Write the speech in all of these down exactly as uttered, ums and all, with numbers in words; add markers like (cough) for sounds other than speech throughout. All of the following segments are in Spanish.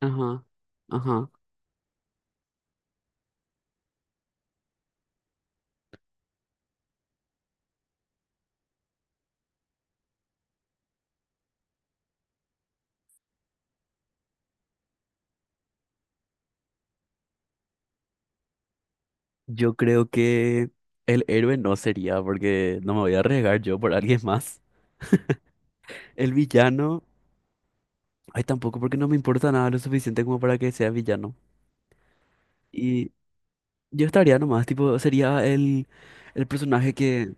Ajá, ajá. Yo creo que el héroe no sería, porque no me voy a arriesgar yo por alguien más. El villano, ay, tampoco, porque no me importa nada lo suficiente como para que sea villano. Y yo estaría nomás, tipo, sería el, el personaje que,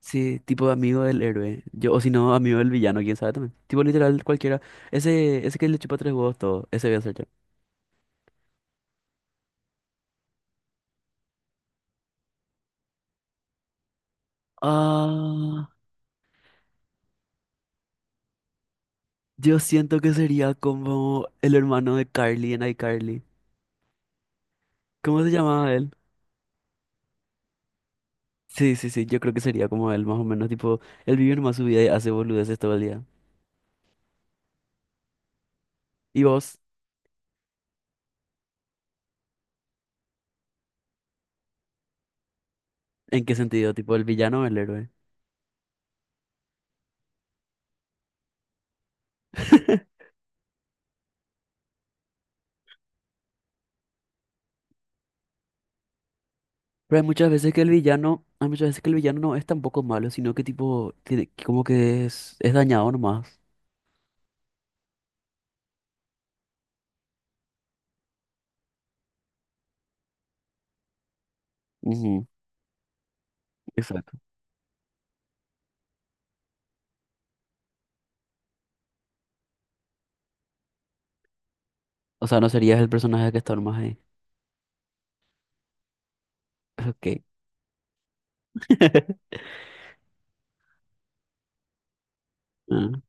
sí, tipo amigo del héroe. Yo, o si no, amigo del villano, quién sabe también. Tipo, literal, cualquiera. Ese, ese que le chupa tres huevos todo, ese voy a ser yo. Ah, yo siento que sería como el hermano de Carly en iCarly. ¿Cómo se llamaba él? Sí, sí, sí, yo creo que sería como él, más o menos, tipo, él vive nomás su vida y hace boludeces todo el día. ¿Y vos? ¿En qué sentido? ¿Tipo el villano o el héroe? (laughs) Pero hay muchas veces que el villano, hay muchas veces que el villano no es tampoco malo, sino que tipo, tiene, que como que es, es dañado nomás. Ujú, exacto. O sea, no serías el personaje que está nomás ahí. Ok. (laughs) Ah,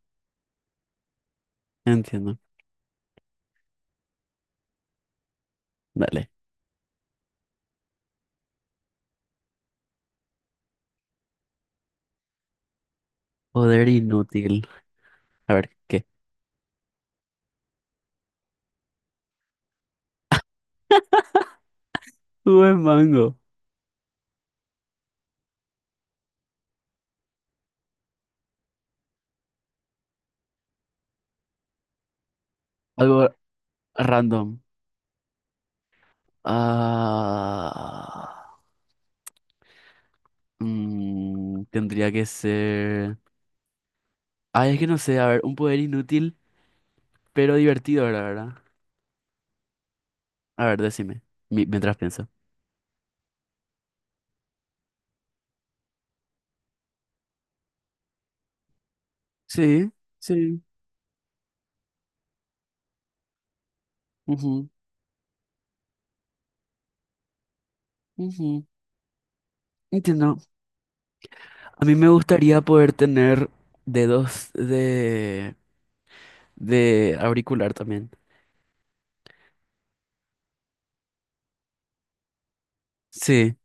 entiendo. Dale. Poder inútil. A ver, ¿qué? Buen mango. Algo random. Ah. Mm, tendría que ser. Ah, es que no sé, a ver, un poder inútil, pero divertido, la verdad. A ver, decime, mi- mientras pienso. Sí, sí. Ujú, ujú, entiendo. A mí me gustaría poder tener dedos de, de auricular también. Sí,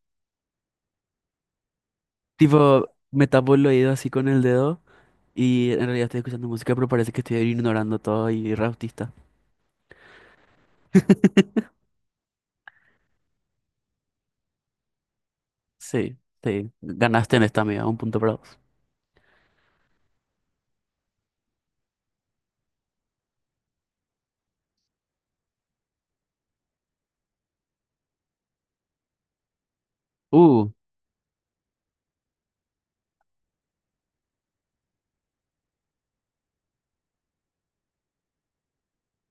tipo, me tapo el oído así con el dedo y en realidad estoy escuchando música, pero parece que estoy ignorando todo y re autista. Sí, sí. Ganaste en esta, amiga, un punto para vos. Uh,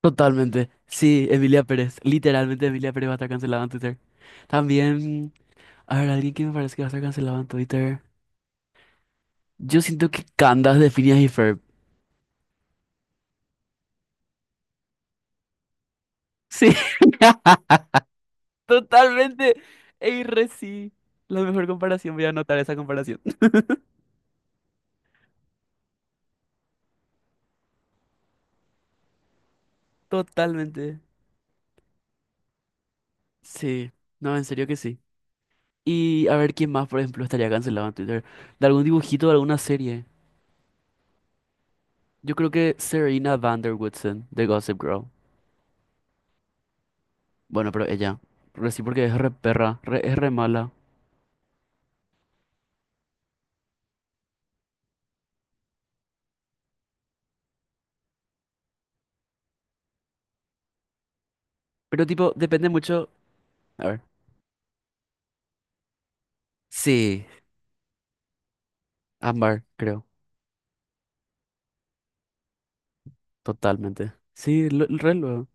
Totalmente. Sí, Emilia Pérez. Literalmente Emilia Pérez va a estar cancelada en Twitter. También, a ver, alguien que me parece que va a estar cancelado en Twitter. Yo siento que Candace de Phineas y Ferb. Sí, (laughs) totalmente. Ey, re sí. La mejor comparación, voy a anotar esa comparación. (laughs) Totalmente. Sí, no, en serio que sí. Y a ver quién más, por ejemplo, estaría cancelado en Twitter. De algún dibujito, de alguna serie. Yo creo que Serena Vanderwoodsen de Gossip Girl. Bueno, pero ella. Pero sí, porque es re perra, re- es re mala. Pero tipo, depende mucho. A ver. Sí, Ámbar, creo. Totalmente. Sí, lo, re luego.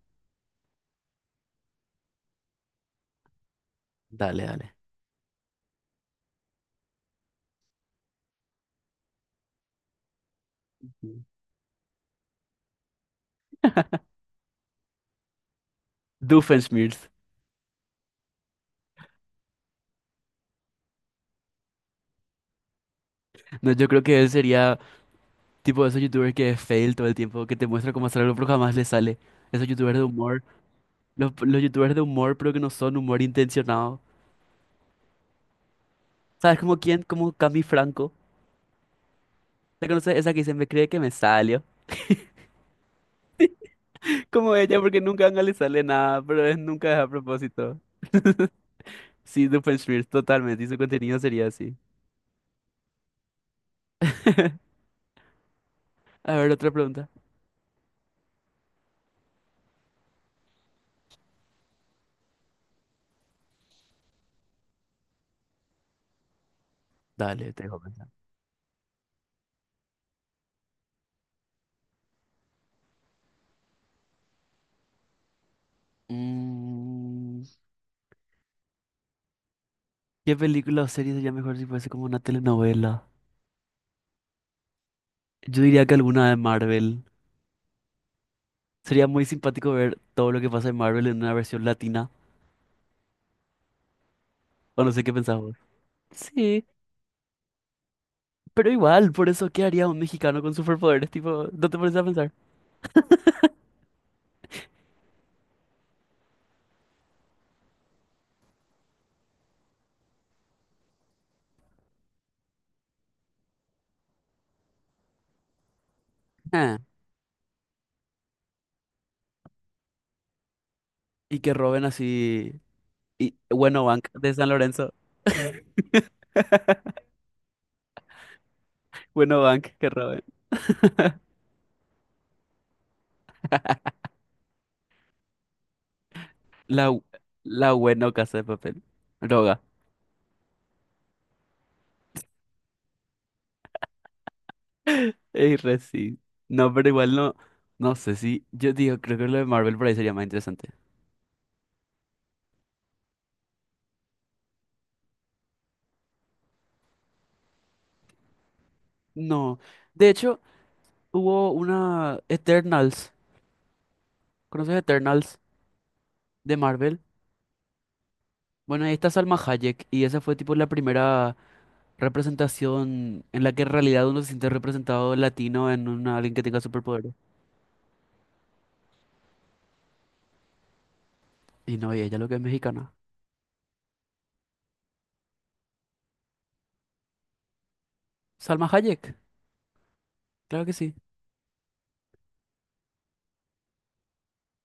Dale, dale. Mm. Doofenshmirtz. No, yo creo que él sería tipo de esos youtubers que es fail todo el tiempo, que te muestra cómo hacer algo pero jamás le sale. Esos youtubers de humor. Los, los youtubers de humor, pero que no son humor intencionado. ¿Sabes como quién? Como Cami Franco. ¿Te conoces? Esa que dice, me cree que me salió. (laughs) Como ella, porque nunca a le sale nada, pero es nunca es a propósito. (laughs) Sí, Doofenshmirtz, totalmente. Y su contenido sería así. A ver, otra pregunta. Dale, te dejo pensar. Mm, ¿qué película o serie sería mejor si fuese como una telenovela? Yo diría que alguna de Marvel. Sería muy simpático ver todo lo que pasa en Marvel en una versión latina. O no sé qué pensás vos. Sí, pero igual, por eso, ¿qué haría un mexicano con superpoderes? Tipo, ¿no te pones a pensar? Ah, y que roben así. Y bueno, Bank de San Lorenzo. Bueno, Bank, que roben. La, la buena casa de papel. Droga. (laughs) Ey, re sí. No, pero igual no. No sé si. Yo digo, creo que lo de Marvel por ahí sería más interesante. No. De hecho, hubo una Eternals. ¿Conoces Eternals de Marvel? Bueno, ahí está Salma Hayek. Y esa fue tipo la primera representación en la que en realidad uno se siente representado latino en una, alguien que tenga superpoderes. Y no, y ella lo que es mexicana. Salma Hayek. Claro que sí.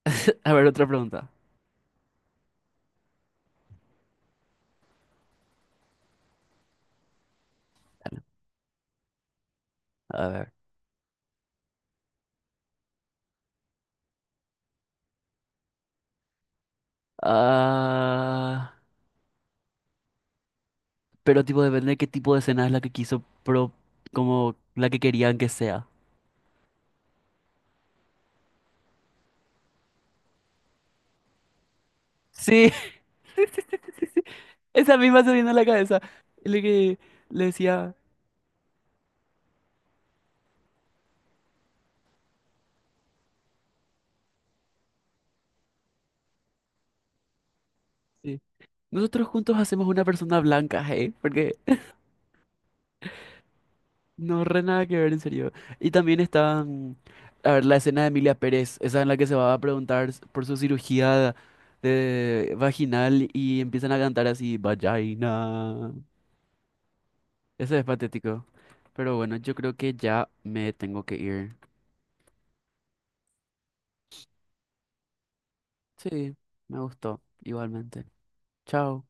(laughs) A ver, otra pregunta. A ver. Ah, pero tipo depende de qué tipo de escena es la que quiso, pero como la que querían que sea. Sí, (laughs) esa misma se viene a la cabeza. Es que le decía, sí. Nosotros juntos hacemos una persona blanca, hey, porque (laughs) no re nada que ver, en serio. Y también está, mm, a ver, la escena de Emilia Pérez, esa en la que se va a preguntar s- por su cirugía de vaginal y empiezan a cantar así, vagina. Ese es patético. Pero bueno, yo creo que ya me tengo que ir. Sí, me gustó igualmente. Chao.